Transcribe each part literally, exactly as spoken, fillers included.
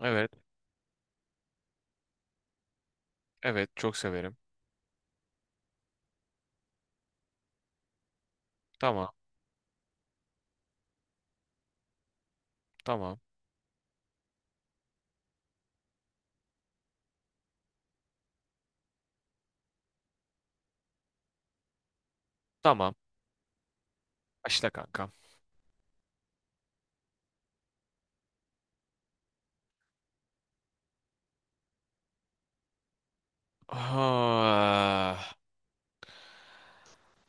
Evet. Evet. Çok severim. Tamam. Tamam. Tamam. Başla kankam. Ah,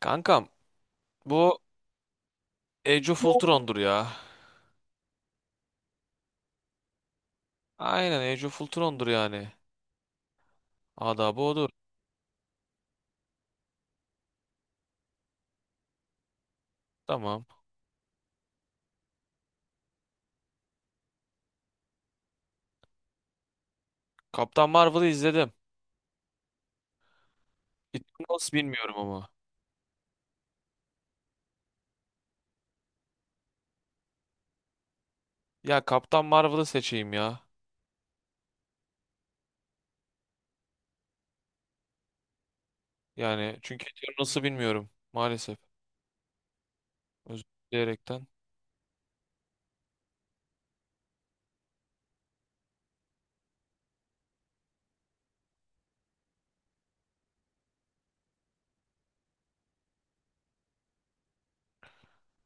kankam bu Age of Ultron'dur ya. Aynen Age of Ultron'dur yani. Adabı odur. Tamam. Kaptan Marvel'ı izledim. Eternals bilmiyorum ama. Ya Kaptan Marvel'ı seçeyim ya. Yani çünkü Eternals'ı bilmiyorum. Maalesef. Özür dileyerekten.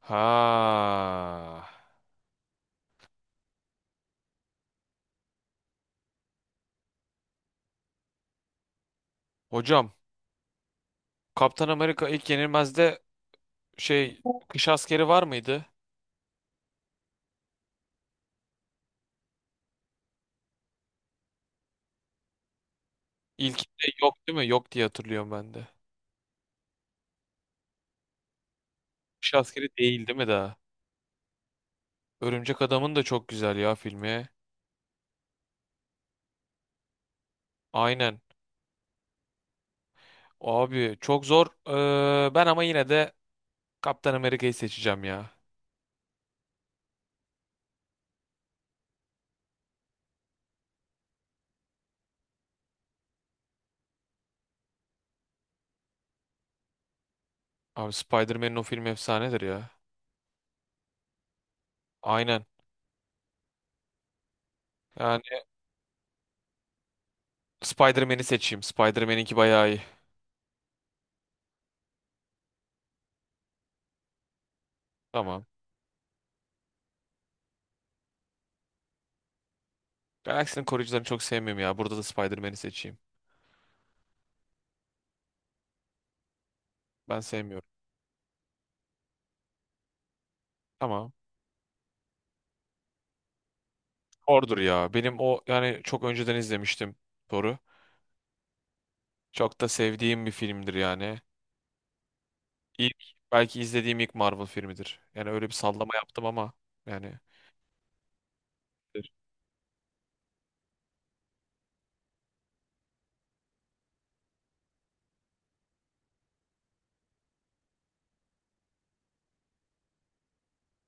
Ha. Hocam Kaptan Amerika ilk yenilmezde şey kış askeri var mıydı? İlkinde yok değil mi? Yok diye hatırlıyorum ben de. Kuş askeri değil değil mi daha? Örümcek Adam'ın da çok güzel ya filmi. Aynen. Abi çok zor. Ee, ben ama yine de Kaptan Amerika'yı seçeceğim ya. Abi Spider-Man'in o filmi efsanedir ya. Aynen. Yani Spider-Man'i seçeyim. Spider-Man'inki bayağı iyi. Tamam. Galaksinin koruyucularını çok sevmiyorum ya. Burada da Spider-Man'i seçeyim. Ben sevmiyorum. Tamam. Thor'dur ya. Benim o yani çok önceden izlemiştim Thor'u. Çok da sevdiğim bir filmdir yani. İlk belki izlediğim ilk Marvel filmidir. Yani öyle bir sallama yaptım ama yani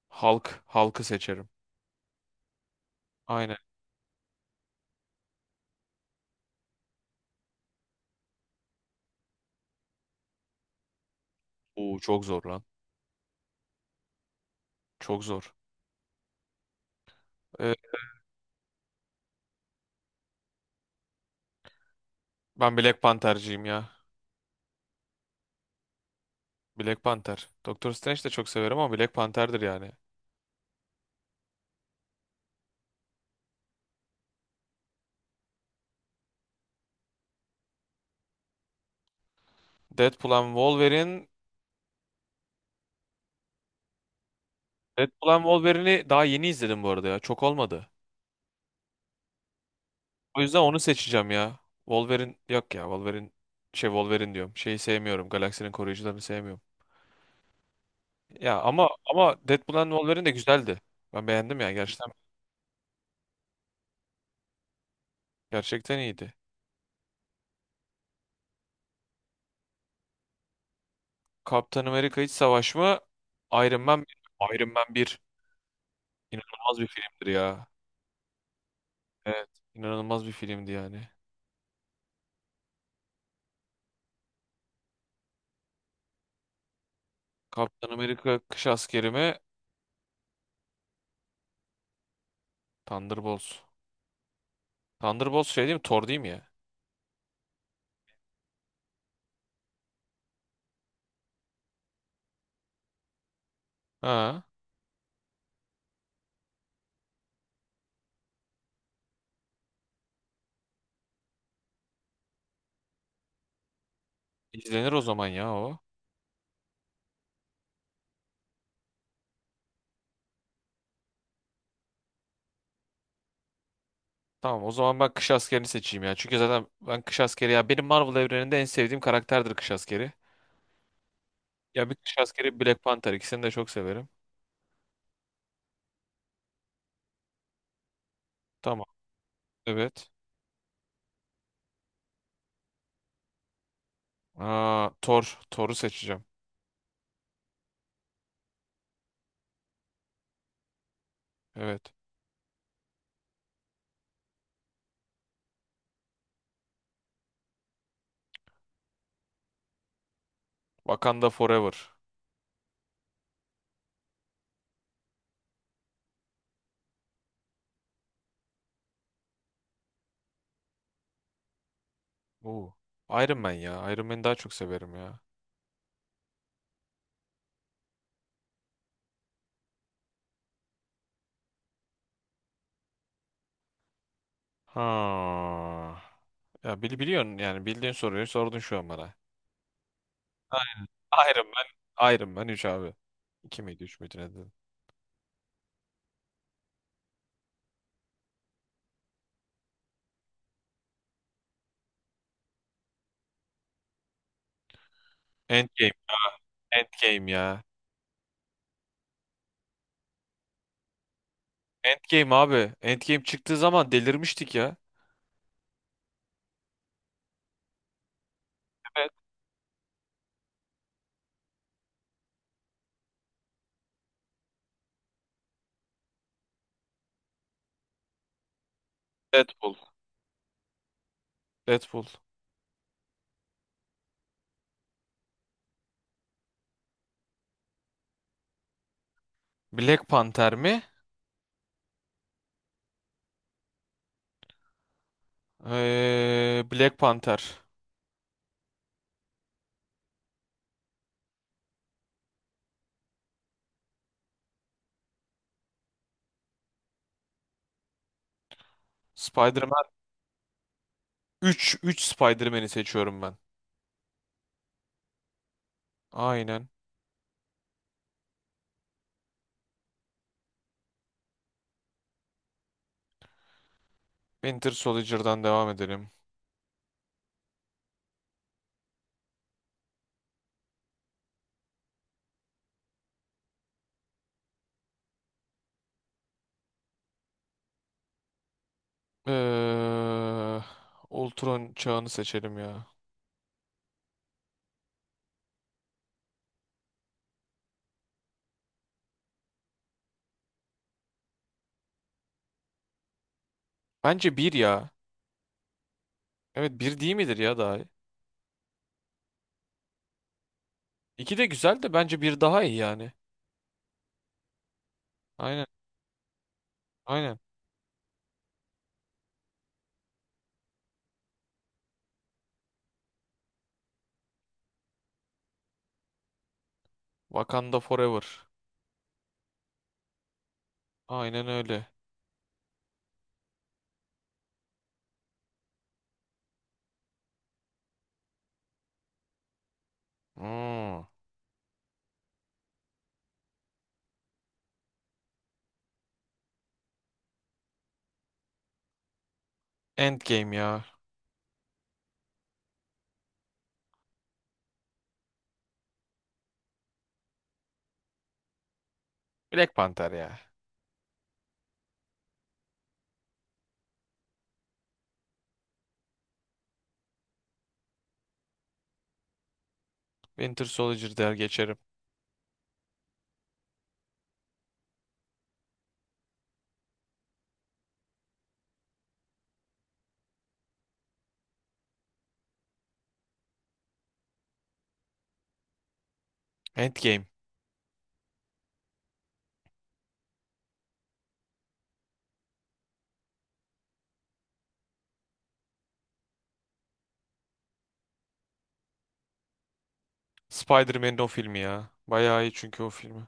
Hulk, Hulk'ı seçerim. Aynen. Oo çok zor lan. Çok zor. Ee, Ben Black Panther'cıyım ya. Black Panther. Doctor Strange de çok severim ama Black Panther'dır yani. Deadpool and Wolverine. Deadpool and Wolverine'i daha yeni izledim bu arada ya. Çok olmadı. O yüzden onu seçeceğim ya. Wolverine yok ya. Wolverine şey Wolverine diyorum. Şeyi sevmiyorum. Galaksinin koruyucularını sevmiyorum. Ya ama ama Deadpool and Wolverine de güzeldi. Ben beğendim ya gerçekten. Gerçekten iyiydi. Kaptan Amerika İç Savaş mı? Iron Man bir. Iron Man bir. İnanılmaz bir filmdir ya. Evet. inanılmaz bir filmdi yani. Kaptan Amerika Kış Askeri mi? Thunderbolts. Thunderbolts şey değil mi? Thor değil mi ya? Ha. İzlenir o zaman ya o. Tamam o zaman ben Kış Askeri'ni seçeyim ya. Çünkü zaten ben Kış Askeri ya benim Marvel evreninde en sevdiğim karakterdir Kış Askeri. Ya bir Kış Askeri bir Black Panther ikisini de çok severim. Tamam. Evet. Aa, Thor. Thor'u seçeceğim. Evet. Wakanda Forever. Oo. Iron Man ya. Iron Man'i daha çok severim ya. Ha. Ya bili biliyorsun yani bildiğin soruyu sordun şu an bana. Ay- Iron Man. Iron Man üç abi. iki miydi üç müydü ne dedim? Endgame. Endgame ya. Endgame abi. Endgame çıktığı zaman delirmiştik ya. Evet. Deadpool. Deadpool. Black Panther mi? Ee, Black Panther. Spider-Man üç 3 Spider-Man'i seçiyorum ben. Aynen. Winter Soldier'dan devam edelim. Ee, Ultron çağını seçelim ya. Bence bir ya. Evet bir değil midir ya daha? İki de güzel de bence bir daha iyi yani. Aynen aynen. Wakanda Forever. Aynen öyle. Hmm. Endgame ya. Black Panther ya. Winter Soldier der geçerim. Endgame. Spider-Man'in o filmi ya. Bayağı iyi çünkü o filmi.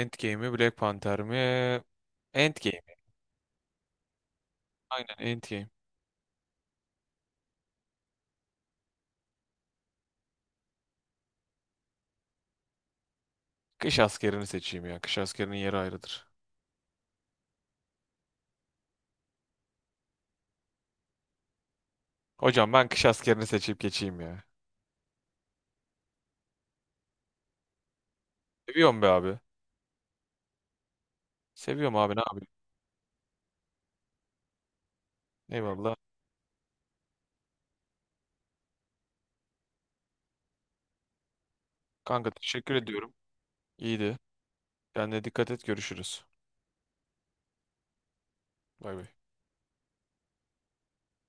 Endgame mi Black Panther mi? Endgame. Aynen Endgame. Kış askerini seçeyim ya. Kış askerinin yeri ayrıdır. Hocam ben kış askerini seçip geçeyim ya. Seviyorum be abi. Seviyorum abi ne yapayım. Eyvallah. Kanka teşekkür ediyorum. İyiydi. Kendine dikkat et görüşürüz. Bay bay.